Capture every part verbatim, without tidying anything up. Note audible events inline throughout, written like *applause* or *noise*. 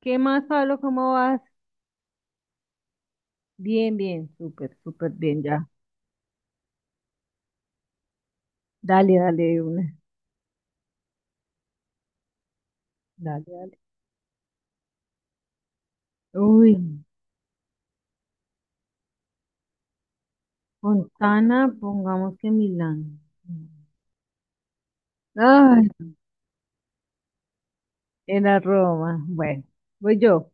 ¿Qué más, Pablo? ¿Cómo vas? Bien, bien, súper, súper bien ya. Dale, dale, de una. Dale, dale. Uy, Fontana, pongamos que Milán. Ay, era Roma. Bueno, voy yo.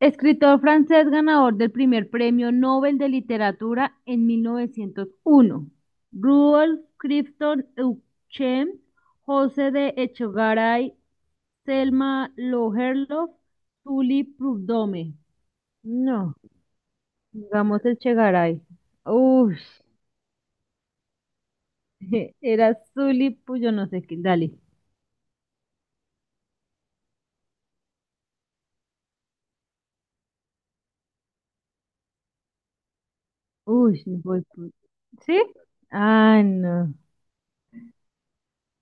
Escritor francés ganador del primer premio Nobel de Literatura en mil novecientos uno. Rudolf Clifton Euchem, José de Echegaray, Selma Lagerlöf, Tully Prudhomme. No. Digamos el Chegaray. Uy, *laughs* era Zully, pues yo no sé qué. Dale. Uy, no voy. por- ¿Sí? Ah, no.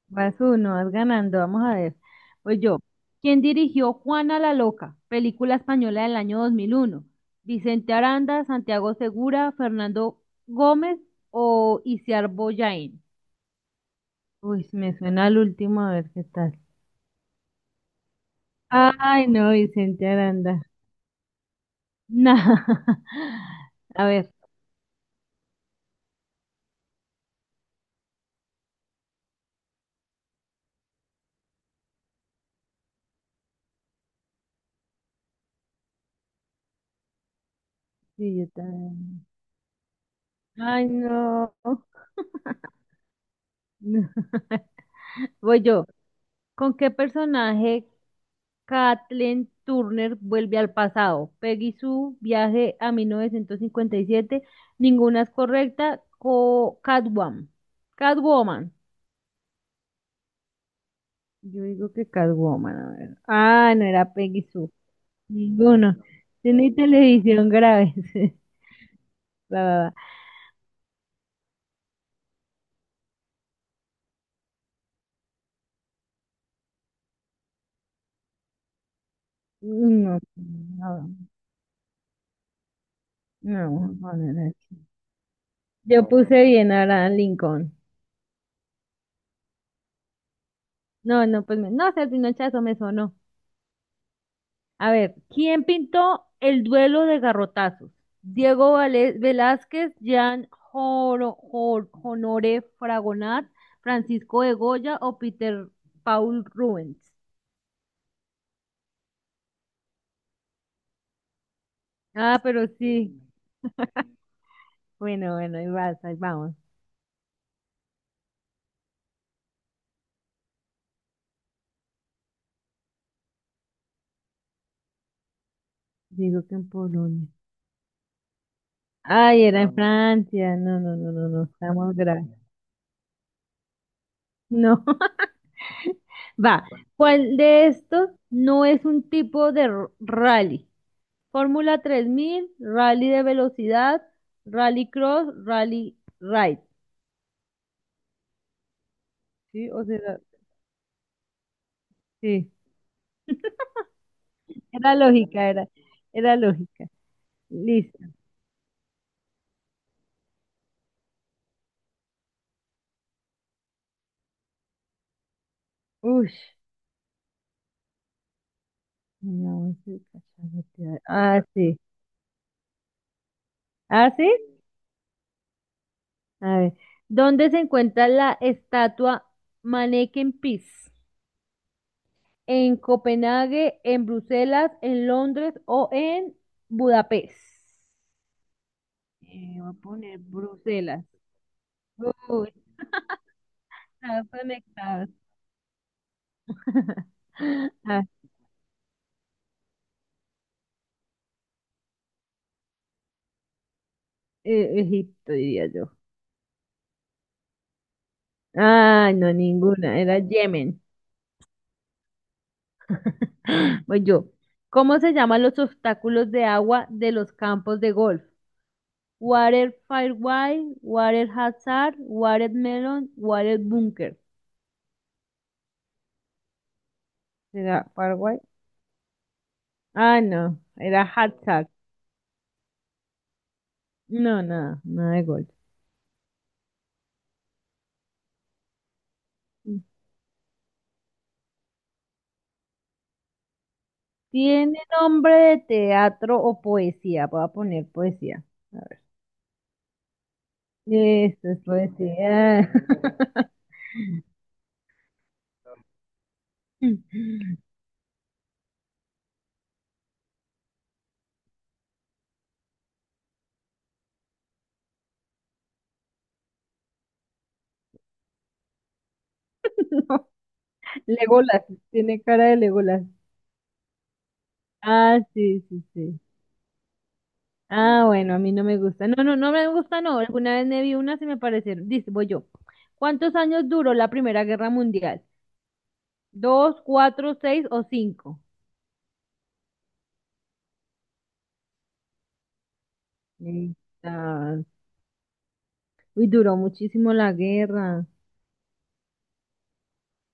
Vas uno, vas ganando. Vamos a ver. Pues yo. ¿Quién dirigió Juana la Loca? Película española del año dos mil uno, Vicente Aranda, Santiago Segura, Fernando Gómez o Isiar Boyain. Uy, me suena al último, a ver qué tal. Ay, no, Vicente Aranda. Nah. *laughs* A ver. Sí, yo también. Ay, no. *laughs* Voy yo. ¿Con qué personaje Kathleen Turner vuelve al pasado? Peggy Sue, viaje a mil novecientos cincuenta y siete. Ninguna es correcta. Co- Catwoman. Catwoman. Yo digo que Catwoman, a ver. Ah, no era Peggy Sue. Ninguno. Tiene televisión grave. *laughs* Va, va, va. No, no, no, no, no, no. Yo puse bien ahora Lincoln. No, no, pues me- no, ese pinochazo me sonó. A ver, ¿quién pintó el duelo de garrotazos? Diego Vale- Velázquez, Jean Joro- Jor- Honoré Fragonard, Francisco de Goya o Peter Paul Rubens. Ah, pero sí. Bueno, bueno, ahí vas, ahí vamos. Digo que en Polonia. Ay, era en Francia. No, no, no, no, no, estamos graves. No. *laughs* Va, ¿cuál de estos no es un tipo de r- rally? Fórmula tres mil, rally de velocidad, rally cross, rally ride. Sí, o sea, sí. Era lógica, era, era lógica. Listo. Uy, ah, sí. Ah, sí. A ver. ¿Dónde se encuentra la estatua Manneken Pis? ¿En Copenhague, en Bruselas, en Londres o en Budapest? Eh, voy a poner Bruselas. Uy, está conectado. *laughs* Ah, E- Egipto, diría yo. Ay, no, ninguna, era Yemen. *gasps* Voy yo. ¿Cómo se llaman los obstáculos de agua de los campos de golf? Water fairway, Water Hazard, Water Melon, Water Bunker. ¿Será Firewall? Ah, no, era Hazard. No, nada, nada de golf. ¿Tiene nombre de teatro o poesía? Voy a poner poesía. Esto es poesía. *laughs* *laughs* *laughs* No, Legolas, tiene cara de Legolas. Ah, sí, sí, sí. Ah, bueno, a mí no me gusta. No, no, no me gusta, no. Alguna vez me vi unas y me parecieron. Dice, voy yo. ¿Cuántos años duró la Primera Guerra Mundial? ¿Dos, cuatro, seis o cinco? Ahí está. Uy, duró muchísimo la guerra.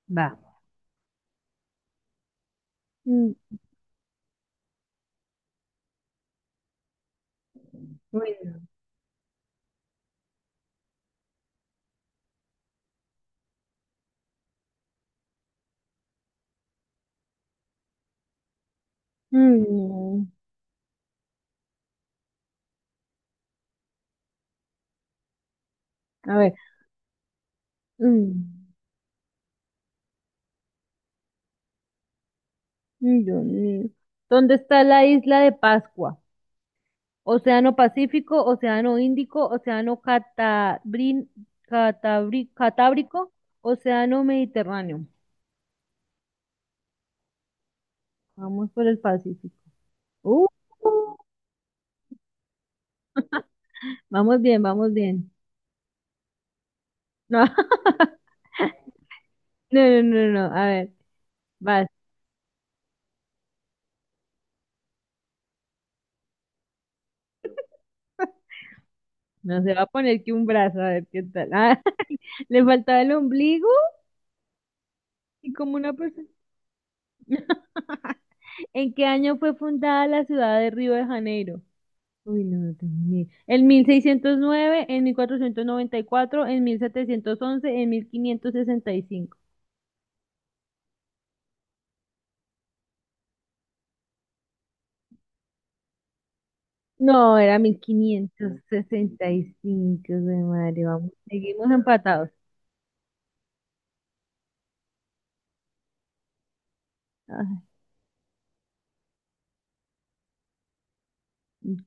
Vamos. Mm, bueno. Mm, no. A ver. Mm, mm, Dios mío. ¿Dónde está la isla de Pascua? Océano Pacífico, Océano Índico, Océano Catabrin- Catabri- Catábrico, Océano Mediterráneo. Vamos por el Pacífico. Uh, Vamos bien, vamos bien. No, *laughs* no, no, no, no. A ver, vas. No se va a poner que un brazo, a ver qué tal. Ah, *laughs* le faltaba el ombligo y como una persona. *laughs* ¿En qué año fue fundada la ciudad de Río de Janeiro? Uy, no, no tengo ni idea. En mil seiscientos nueve, en mil cuatrocientos noventa y cuatro, en mil quinientos sesenta y cinco. No, era mil quinientos sesenta y cinco de madre. Vamos, seguimos empatados. Ay,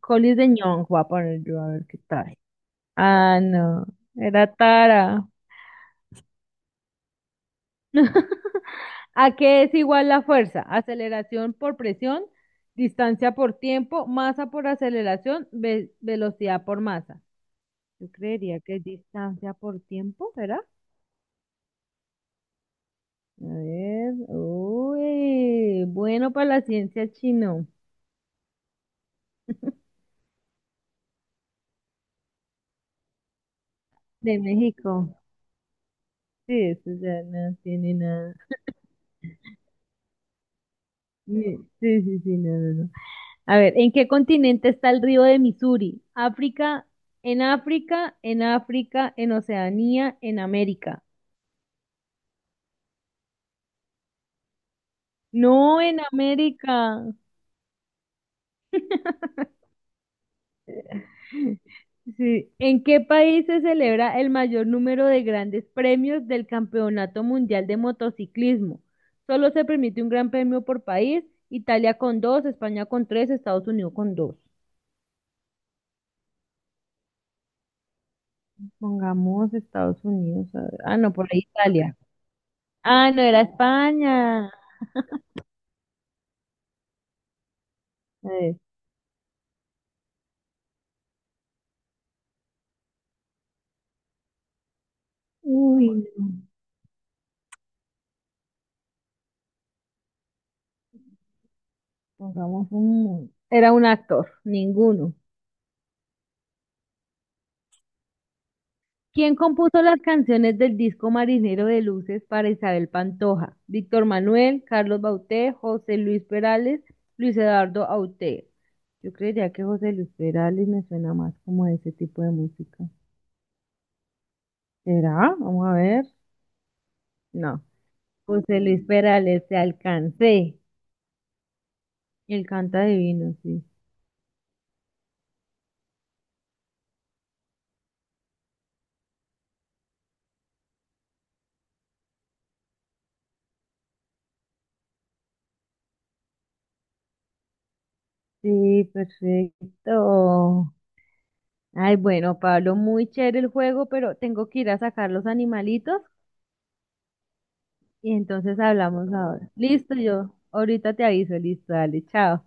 Colis de Ñong, voy a poner yo a ver qué trae. Ah, no, era Tara. *laughs* ¿A qué es igual la fuerza? Aceleración por presión, distancia por tiempo, masa por aceleración, ve- velocidad por masa. Yo creería que es distancia por tiempo, ¿verdad? A ver, uy, bueno para la ciencia chino. *laughs* De México. Sí, eso ya no tiene nada. Sí, sí, sí, sí, no, no, no. A ver, ¿en qué continente está el río de Misuri? África, en África, en África, en Oceanía, en América. No, en América. *laughs* Sí. ¿En qué país se celebra el mayor número de grandes premios del Campeonato Mundial de Motociclismo? Solo se permite un gran premio por país, Italia con dos, España con tres, Estados Unidos con dos. Pongamos Estados Unidos. A ver. Ah, no, por ahí Italia. Ah, no, era España. A ver. Uy, no. Pongamos un... Era un actor, ninguno. ¿Quién compuso las canciones del disco Marinero de Luces para Isabel Pantoja? Víctor Manuel, Carlos Bauté, José Luis Perales, Luis Eduardo Aute. Yo creería que José Luis Perales me suena más como a ese tipo de música. ¿Será? Vamos a ver. No. José Luis Perales, te alcancé. Él canta divino, sí. Sí, perfecto. Ay, bueno, Pablo, muy chévere el juego, pero tengo que ir a sacar los animalitos. Y entonces hablamos ahora. Listo, yo ahorita te aviso, listo, dale, chao.